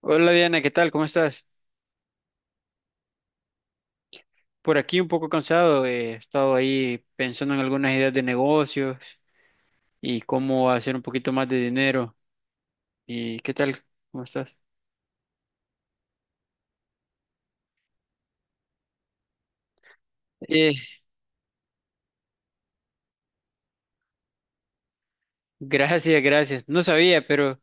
Hola Diana, ¿qué tal? ¿Cómo estás? Por aquí un poco cansado, he estado ahí pensando en algunas ideas de negocios y cómo hacer un poquito más de dinero. ¿Y qué tal? ¿Cómo estás? Eh, Gracias, gracias. No sabía, pero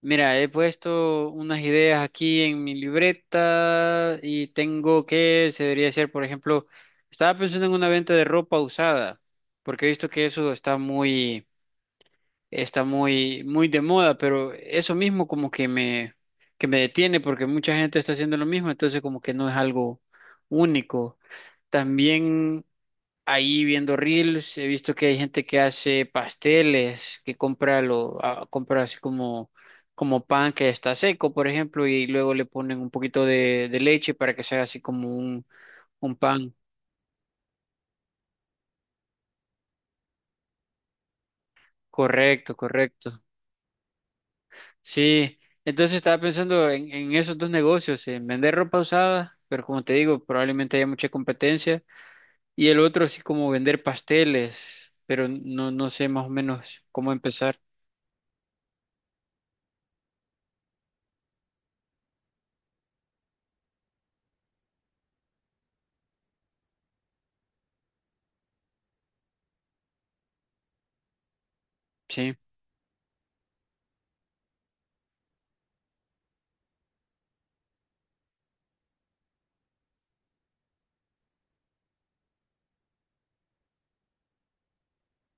mira, he puesto unas ideas aquí en mi libreta y tengo que, se debería hacer, por ejemplo, estaba pensando en una venta de ropa usada, porque he visto que eso está muy, muy de moda, pero eso mismo como que que me detiene porque mucha gente está haciendo lo mismo, entonces como que no es algo único. También ahí viendo reels he visto que hay gente que hace pasteles, que compra así como pan que está seco, por ejemplo, y luego le ponen un poquito de leche para que sea así como un pan. Correcto, correcto. Sí, entonces estaba pensando en esos dos negocios, en vender ropa usada, pero como te digo, probablemente haya mucha competencia, y el otro sí como vender pasteles, pero no sé más o menos cómo empezar. Sí.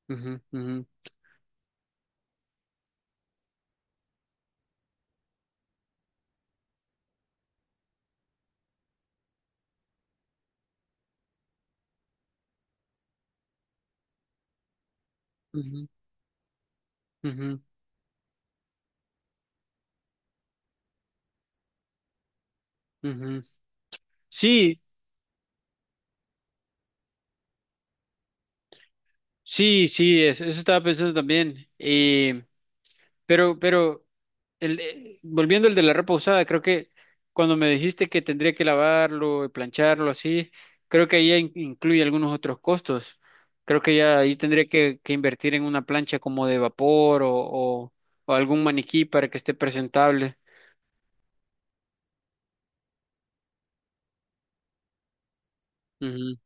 Ujú, ujú, ujú, ujú, ujú. Sí, sí, sí, eso estaba pensando también. Pero, pero, Volviendo al de la ropa usada, creo que cuando me dijiste que tendría que lavarlo, plancharlo, así, creo que ahí ya incluye algunos otros costos. Creo que ya ahí tendría que invertir en una plancha como de vapor o algún maniquí para que esté presentable. Ujú.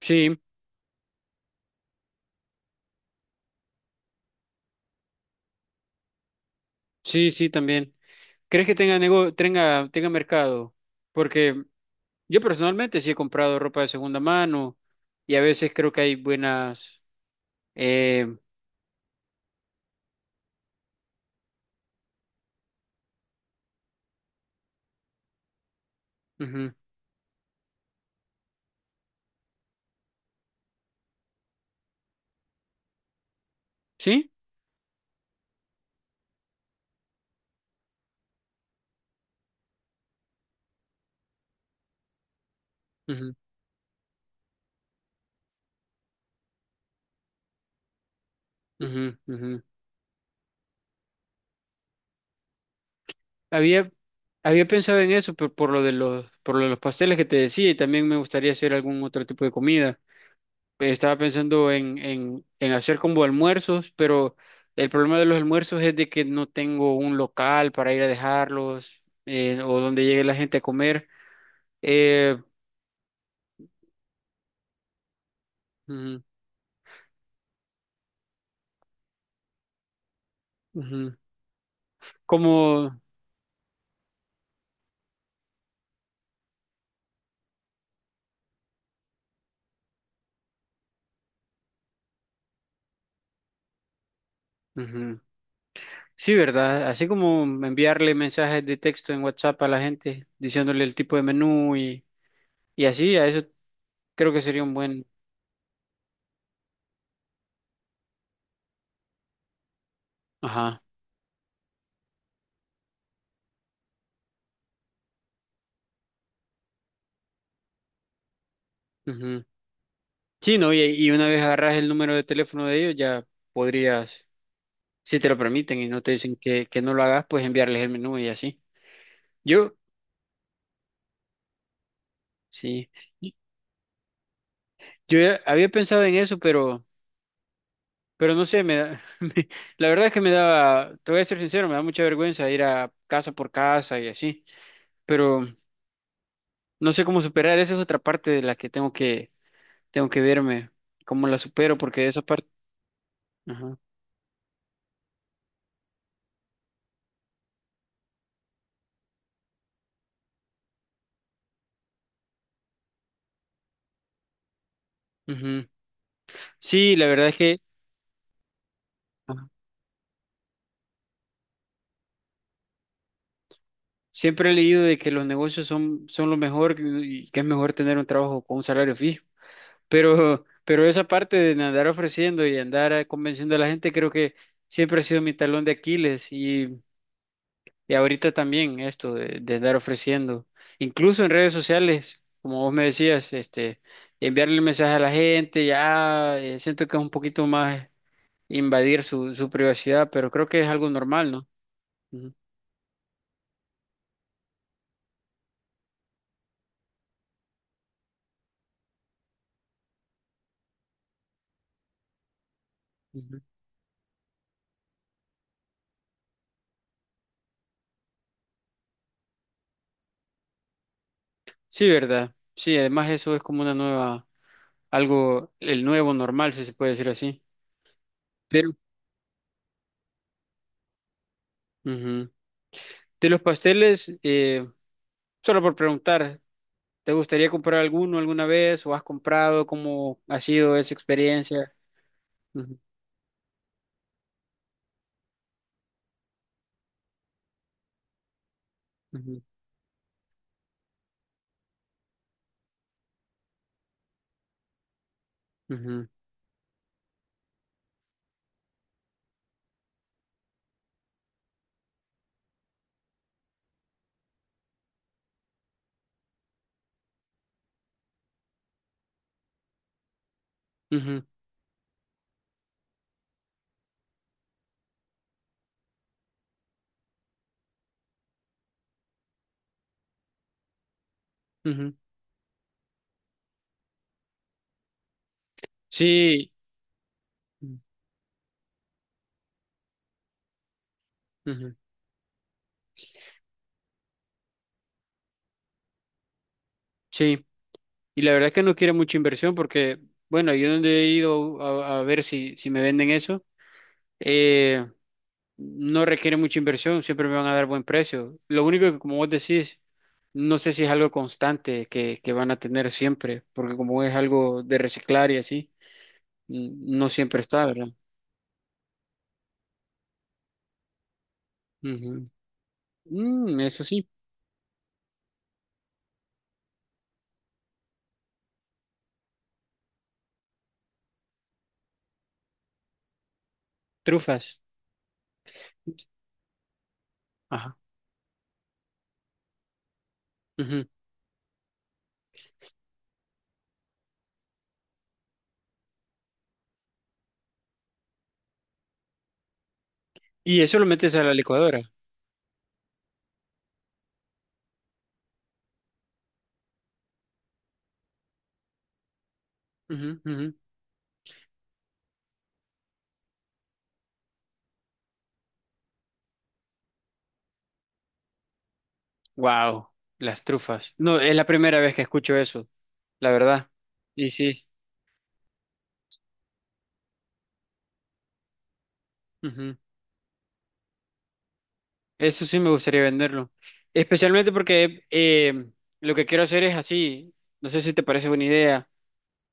Sí, sí, sí, también. ¿Crees que tenga mercado? Porque yo personalmente sí he comprado ropa de segunda mano y a veces creo que hay buenas. Eh, ujú. Sí. Ujú, ujú, ujú. Había, había pensado en eso por lo de los pasteles que te decía y también me gustaría hacer algún otro tipo de comida. Estaba pensando en hacer como almuerzos, pero el problema de los almuerzos es de que no tengo un local para ir a dejarlos, o donde llegue la gente a comer. Eh, ujú, ujú. Como, ujú. Sí, ¿verdad? Así como enviarle mensajes de texto en WhatsApp a la gente diciéndole el tipo de menú y así, a eso creo que sería un buen... Ajá. Ujú. Sí, ¿no? Y una vez agarras el número de teléfono de ellos, ya podrías, si te lo permiten y no te dicen que no lo hagas, pues enviarles el menú y así. Yo, sí. Yo ya había pensado en eso, pero no sé, la verdad es que me daba, te voy a ser sincero, me da mucha vergüenza ir a casa por casa y así, pero no sé cómo superar, esa es otra parte de la que tengo tengo que verme, cómo la supero, porque esa parte, ajá, ujú. Sí, la verdad es que ajá, siempre he leído de que los negocios son lo mejor y que es mejor tener un trabajo con un salario fijo. Pero, pero esa parte de andar ofreciendo y andar convenciendo a la gente, creo que siempre ha sido mi talón de Aquiles y ahorita también esto de andar ofreciendo. Incluso en redes sociales, como vos me decías, este, enviarle mensaje a la gente, ya siento que es un poquito más invadir su privacidad, pero creo que es algo normal, ¿no? Ujú. Sí, ¿verdad? Sí, además eso es como una nueva, algo, el nuevo normal, si se puede decir así. Pero, ujú. De los pasteles, solo por preguntar, ¿te gustaría comprar alguno alguna vez o has comprado? ¿Cómo ha sido esa experiencia? Ujú, ujú, ujú, ujú, ujú. Sí, ujú, sí. Y la verdad es que no quiere mucha inversión porque, bueno, yo donde he ido a ver si me venden eso. Eh, no requiere mucha inversión, siempre me van a dar buen precio. Lo único que, como vos decís, no sé si es algo constante que van a tener siempre, porque como es algo de reciclar y así, n- no siempre está, ¿verdad? Ujú. Mm, eso sí, trufas. Ajá. Ujú. Y eso lo metes a la licuadora. Wow, las trufas. No, es la primera vez que escucho eso, la verdad. Y sí. Ujú. Eso sí me gustaría venderlo. Especialmente porque lo que quiero hacer es así. No sé si te parece buena idea.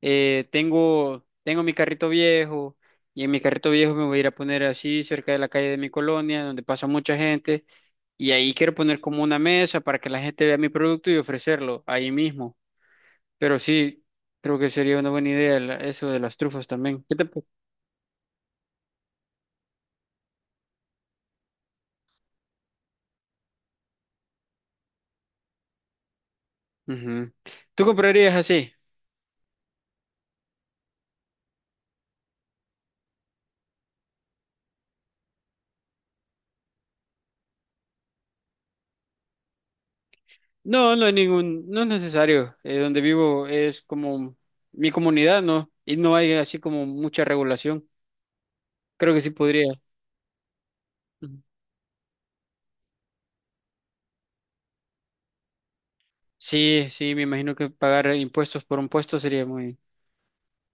Tengo mi carrito viejo y en mi carrito viejo me voy a ir a poner así cerca de la calle de mi colonia, donde pasa mucha gente. Y ahí quiero poner como una mesa para que la gente vea mi producto y ofrecerlo ahí mismo. Pero sí, creo que sería una buena idea eso de las trufas también. ¿Qué te pa- Ujú. ¿Tú comprarías así? No, no hay ningún, no es necesario. Donde vivo es como mi comunidad, ¿no? Y no hay así como mucha regulación. Creo que sí podría. Ujú. Sí, sí, me imagino que pagar impuestos por un puesto sería muy,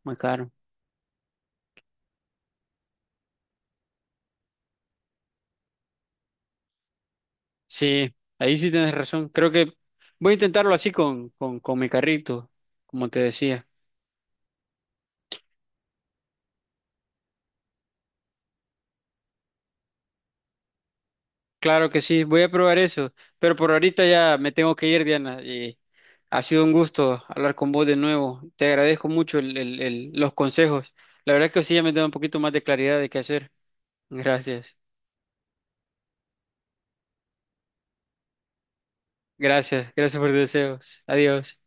muy caro. Sí, ahí sí tienes razón. Creo que voy a intentarlo así con mi carrito, como te decía. Claro que sí, voy a probar eso, pero por ahorita ya me tengo que ir, Diana, y ha sido un gusto hablar con vos de nuevo. Te agradezco mucho los consejos. La verdad es que sí, ya me da un poquito más de claridad de qué hacer. Gracias, gracias, gracias por tus deseos. Adiós.